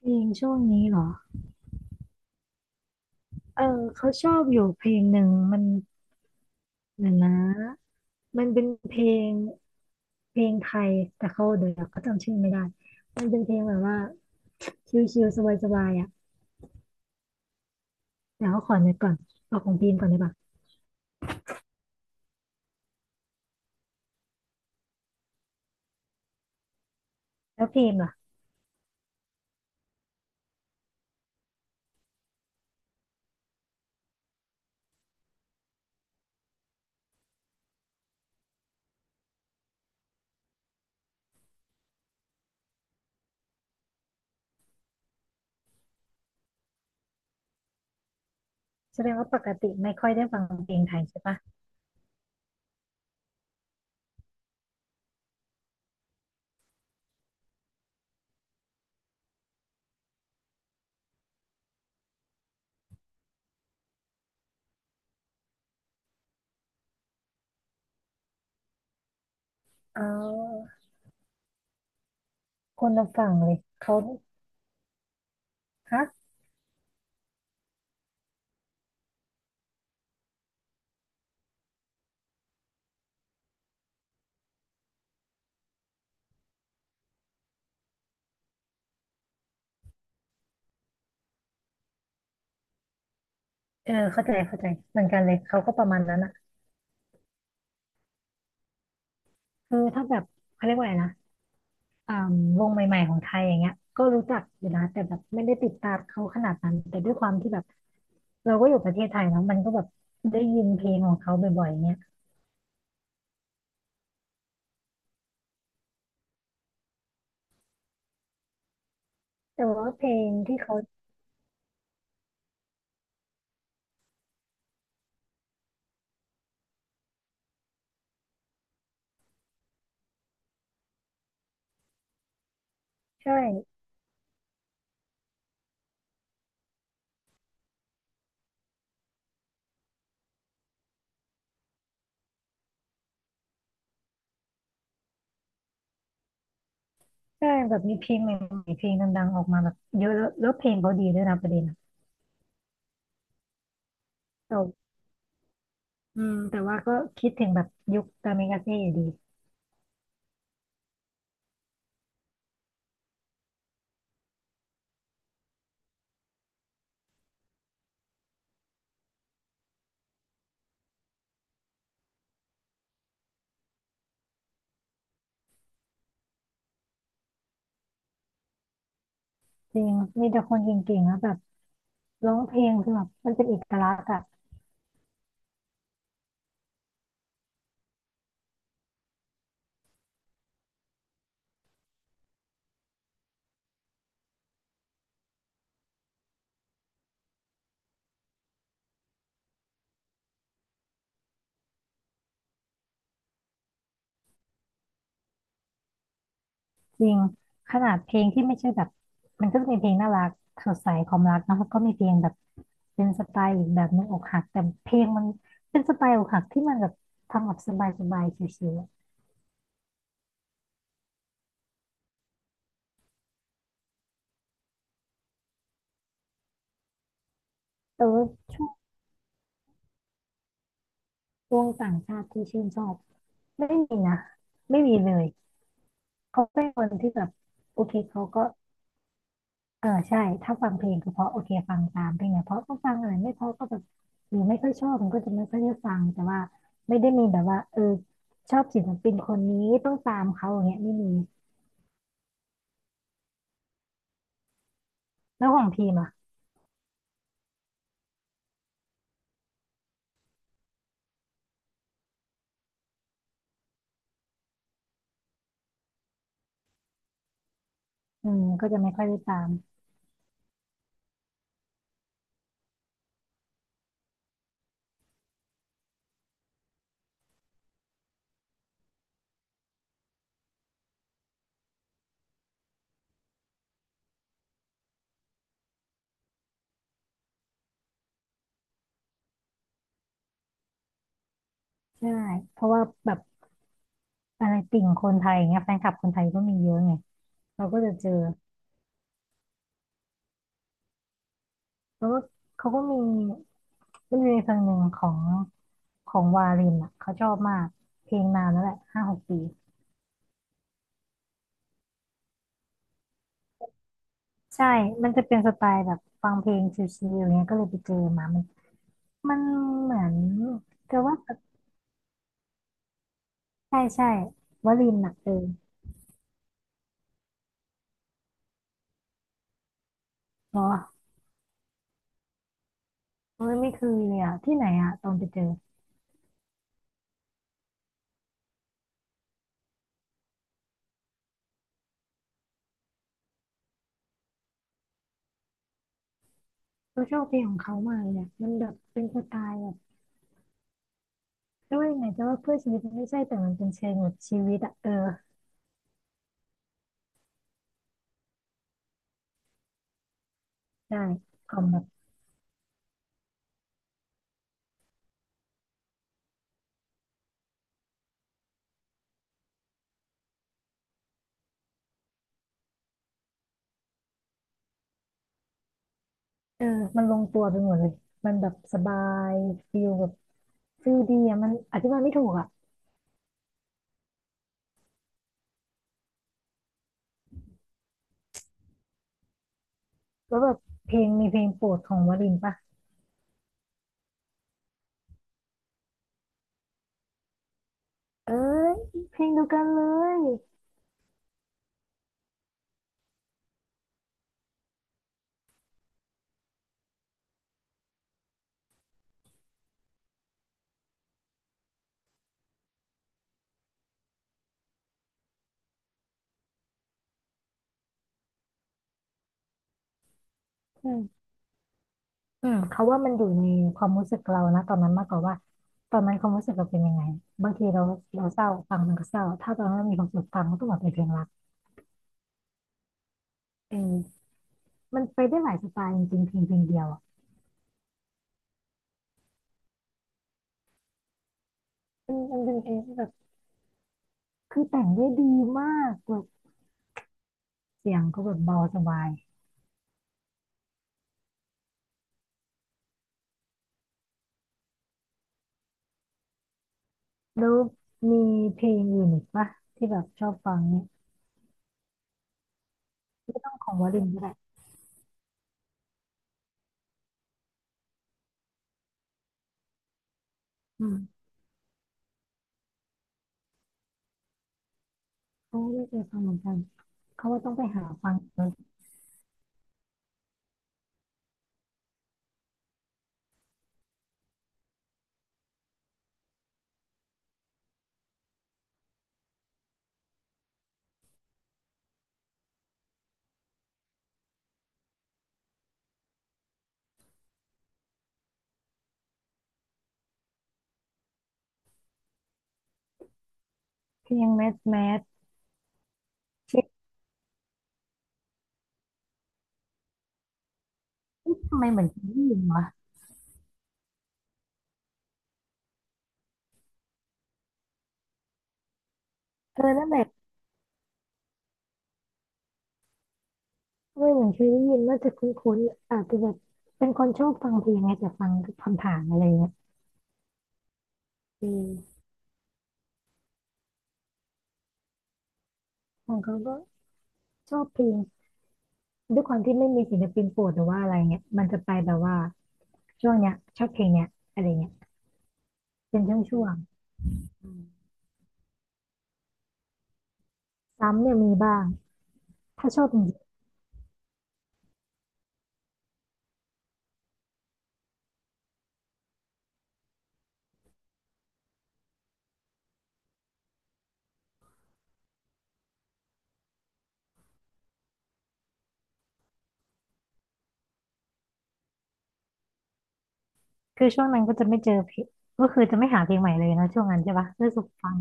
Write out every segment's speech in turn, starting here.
เพลงช่วงนี้เหรอเออเขาชอบอยู่เพลงหนึ่งมันเดี๋ยวนะมันเป็นเพลงเพลงไทยแต่เขาเดี๋ยวเขาจำชื่อไม่ได้มันเป็นเพลงแบบว่าชิลๆสบายๆอ่ะเดี๋ยวเขาขอนึกก่อนเอาของพิมก่อนได้ปะแล้วพิมพ์ล่ะแสดงว่าปกติไม่ค่อยได้ฟังเพลงไทยใช่ปะอ๋อคนละฝั่งเลยเขาฮะเออเข้าใจเข้าใจเหมือนกันเลยเขาก็ประมาณนั้นอ่ะคือถ้าแบบเขาเรียกว่าอะไรนะ อ่าวงใหม่ๆของไทยอย่างเงี้ยก็รู้จักอยู่นะแต่แบบไม่ได้ติดตามเขาขนาดนั้นแต่ด้วยความที่แบบเราก็อยู่ประเทศไทยเนาะมันก็แบบได้ยินเพลงของเขาบ่อยๆเงี้ยแต่ว่าเพลงที่เขาใช่ใช่แบบมีเพลงใหม่ๆเพลงดังๆออกมาแบบเยอะแล้วแล้วเพลงเขาดีด้วยนะประเด็นอะแต่อืมแต่ว่าก็คิดถึงแบบยุคตามิกาเซ่อยู่ดีจริงมีแต่คนเก่งๆแล้วแบบร้องเพลงคือแบบมันเป็นเอกลักษณ์อะ จริงขนาดเพลงที่ไม่ใช่แบบมันก็จะมีเพลงน่ารักสดใสความรักเนอะแล้วก็มีเพลงแบบเป็นสไตล์อีกแบบหนึงอกหักแต่เพลงมันเป็นสไตล์อกหักที่มันแบบทำแบบสบายสบายชิวๆอะแต่ว่าช่วงวงต่างชาติที่ชื่นชอบไม่มีนะไม่มีเลยเขาเป็นคนที่แบบโอเคเขาก็ เออใช่ถ้าฟังเพลงก็เพราะโอเคฟังตามเพลงไหนเพราะก็ฟังอะไรไม่เพราะก็แบบหรือไม่ค่อยชอบมันก็จะไม่ค่อยได้ฟังแต่ว่าไม่ได้มีแบบว่าเออชอบศิลปินคนนี้ต้องตามเขาอย่างเงี้ยไม่มีแล้วของพีมอ่ะอืมก็จะไม่ค่อยได้ตามใช่เพราะว่าแบบอะไรติ่งคนไทยอย่างเงี้ยแฟนคลับคนไทยก็มีเยอะไงเราก็จะเจอแล้วก็เขาก็มีมีเพลงหนึ่งของของวารินอ่ะเขาชอบมากเพลงนานแล้วแหละห้าหกปี ใช่ มันจะเป็นสไตล์แบบฟังเพลงชิลๆอย่างเงี้ยก็เลยไปเจอมามันมันเหมือนแต่ว่าใช่ใช่วลินหนักเกินเหรอเอ้ยไม่เคือเลยอะที่ไหนอะตอนไปเจอเราชอบเพลงของเขามากเลยอะมันแบบเป็นสไตล์แบบจะว่ายังไงจะว่าเพื่อชีวิตมันไม่ใช่แต่มันเป็นเชิงแบบชีวิตอะเออใช่ของแบบเออมันลงตัวไปหมดเลยมันแบบสบายฟิลแบบฟิลดีอะมันอธิบายไม่ถูกอะแล้วแบบเพลงมีเพลงโปรดของวลินปะ เอ้ยเพลงเดียวกันเลยอืมอืมเขาว่ามันอยู่ในความรู้สึกเรานะตอนนั้นมากกว่าว่าตอนนั้นความรู้สึกเราเป็นยังไงบางทีเราเศร้าฟังมันก็เศร้าถ้าตอนนั้นเรามีความสุขฟังมันก็ต้องแบบเป็นเพลงรักเออมันไปได้หลายสไตล์จริงๆเพลงเพลงเดียวอ่ะมันเป็นเพลงที่แบบคือแต่งได้ดีมากแบบเสียงก็แบบเบาสบายแล้วมีเพลงอื่นอีกปะที่แบบชอบฟังเนี่ยของวลินก็ได้อืมเขาไม่เคยฟังเหมือนกันเขาว่าต้องไปหาฟังเพลงแมสแมส เอ๊ะทำไมเหมือนเคยได้ยินวะเออนั่นแหละเออเหมือนเคยได้ยินว่าจะคุ้นๆอาจจะแบบเป็นคนชอบฟังเพลงไงแต่ฟังผ่านๆอะไรเงี้ยอือของเขาก็ชอบเพลงด้วยความที่ไม่มีศิลปินโปรดหรือว่าอะไรเงี้ยมันจะไปแบบว่าช่วงเนี้ยชอบเพลงเนี้ยอะไรเงี้ยเป็นช่วงๆอืมซ้ำเนี่ยมีบ้างถ้าชอบจริงๆคือช่วงนั้นก็จะไม่เจอเพลงก็คือจะไม่หาเพลงใหม่เลยนะช่วงนั้นใช่ปะรู้สึกฟัง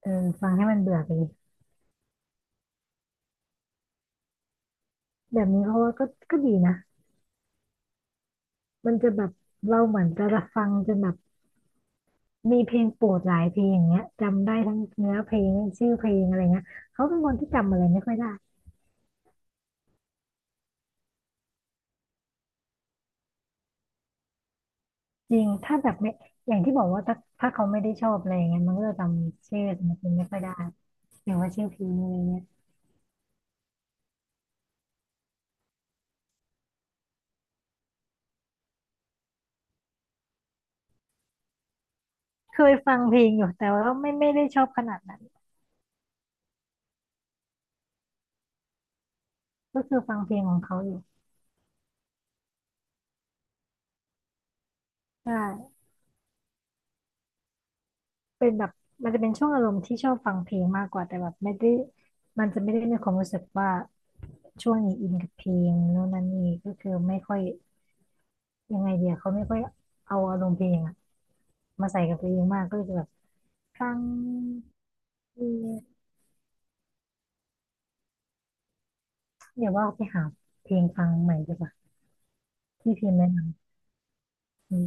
เออฟังให้มันเบื่อไปเลยแบบนี้เพราะว่าก็ก็ดีนะมันจะแบบเราเหมือนจะฟังจนแบบ มีเพลงโปรดหลายเพลงอย่างเงี้ยจำได้ทั้งเนื้อเพลงชื่อเพลงอะไรเงี้ยเขาเป็นคนที่จำอะไรไม่ค่อยได้จริงถ้าแบบไม่อย่างที่บอกว่าถ้าเขาไม่ได้ชอบอะไรเงี้ยมันก็จะจำชื่อศิลปินไม่ค่อยได้หรือย่างว่าชื่อเพลงอะไรเงี้ยเคยฟังเพลงอยู่แต่ว่าไม่ได้ชอบขนาดนั้นก็คือฟังเพลงของเขาอยู่ใช่เป็นแบบมันจะเป็นช่วงอารมณ์ที่ชอบฟังเพลงมากกว่าแต่แบบไม่ได้มันจะไม่ได้มีความรู้สึกว่าช่วงนี้อินกับเพลงโน่นนั่นนี่ก็คือไม่ค่อยยังไงเดียวเขาไม่ค่อยเอาอารมณ์เพลงอะ มาใส่กับเพลงมากก็เลยจะแบบฟังเออเดี๋ยวว่าไปหาเพลงฟังใหม่ดีกว่าที่พิมพ์แนะนำอืม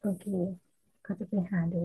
โอเคก็จะไปหาดู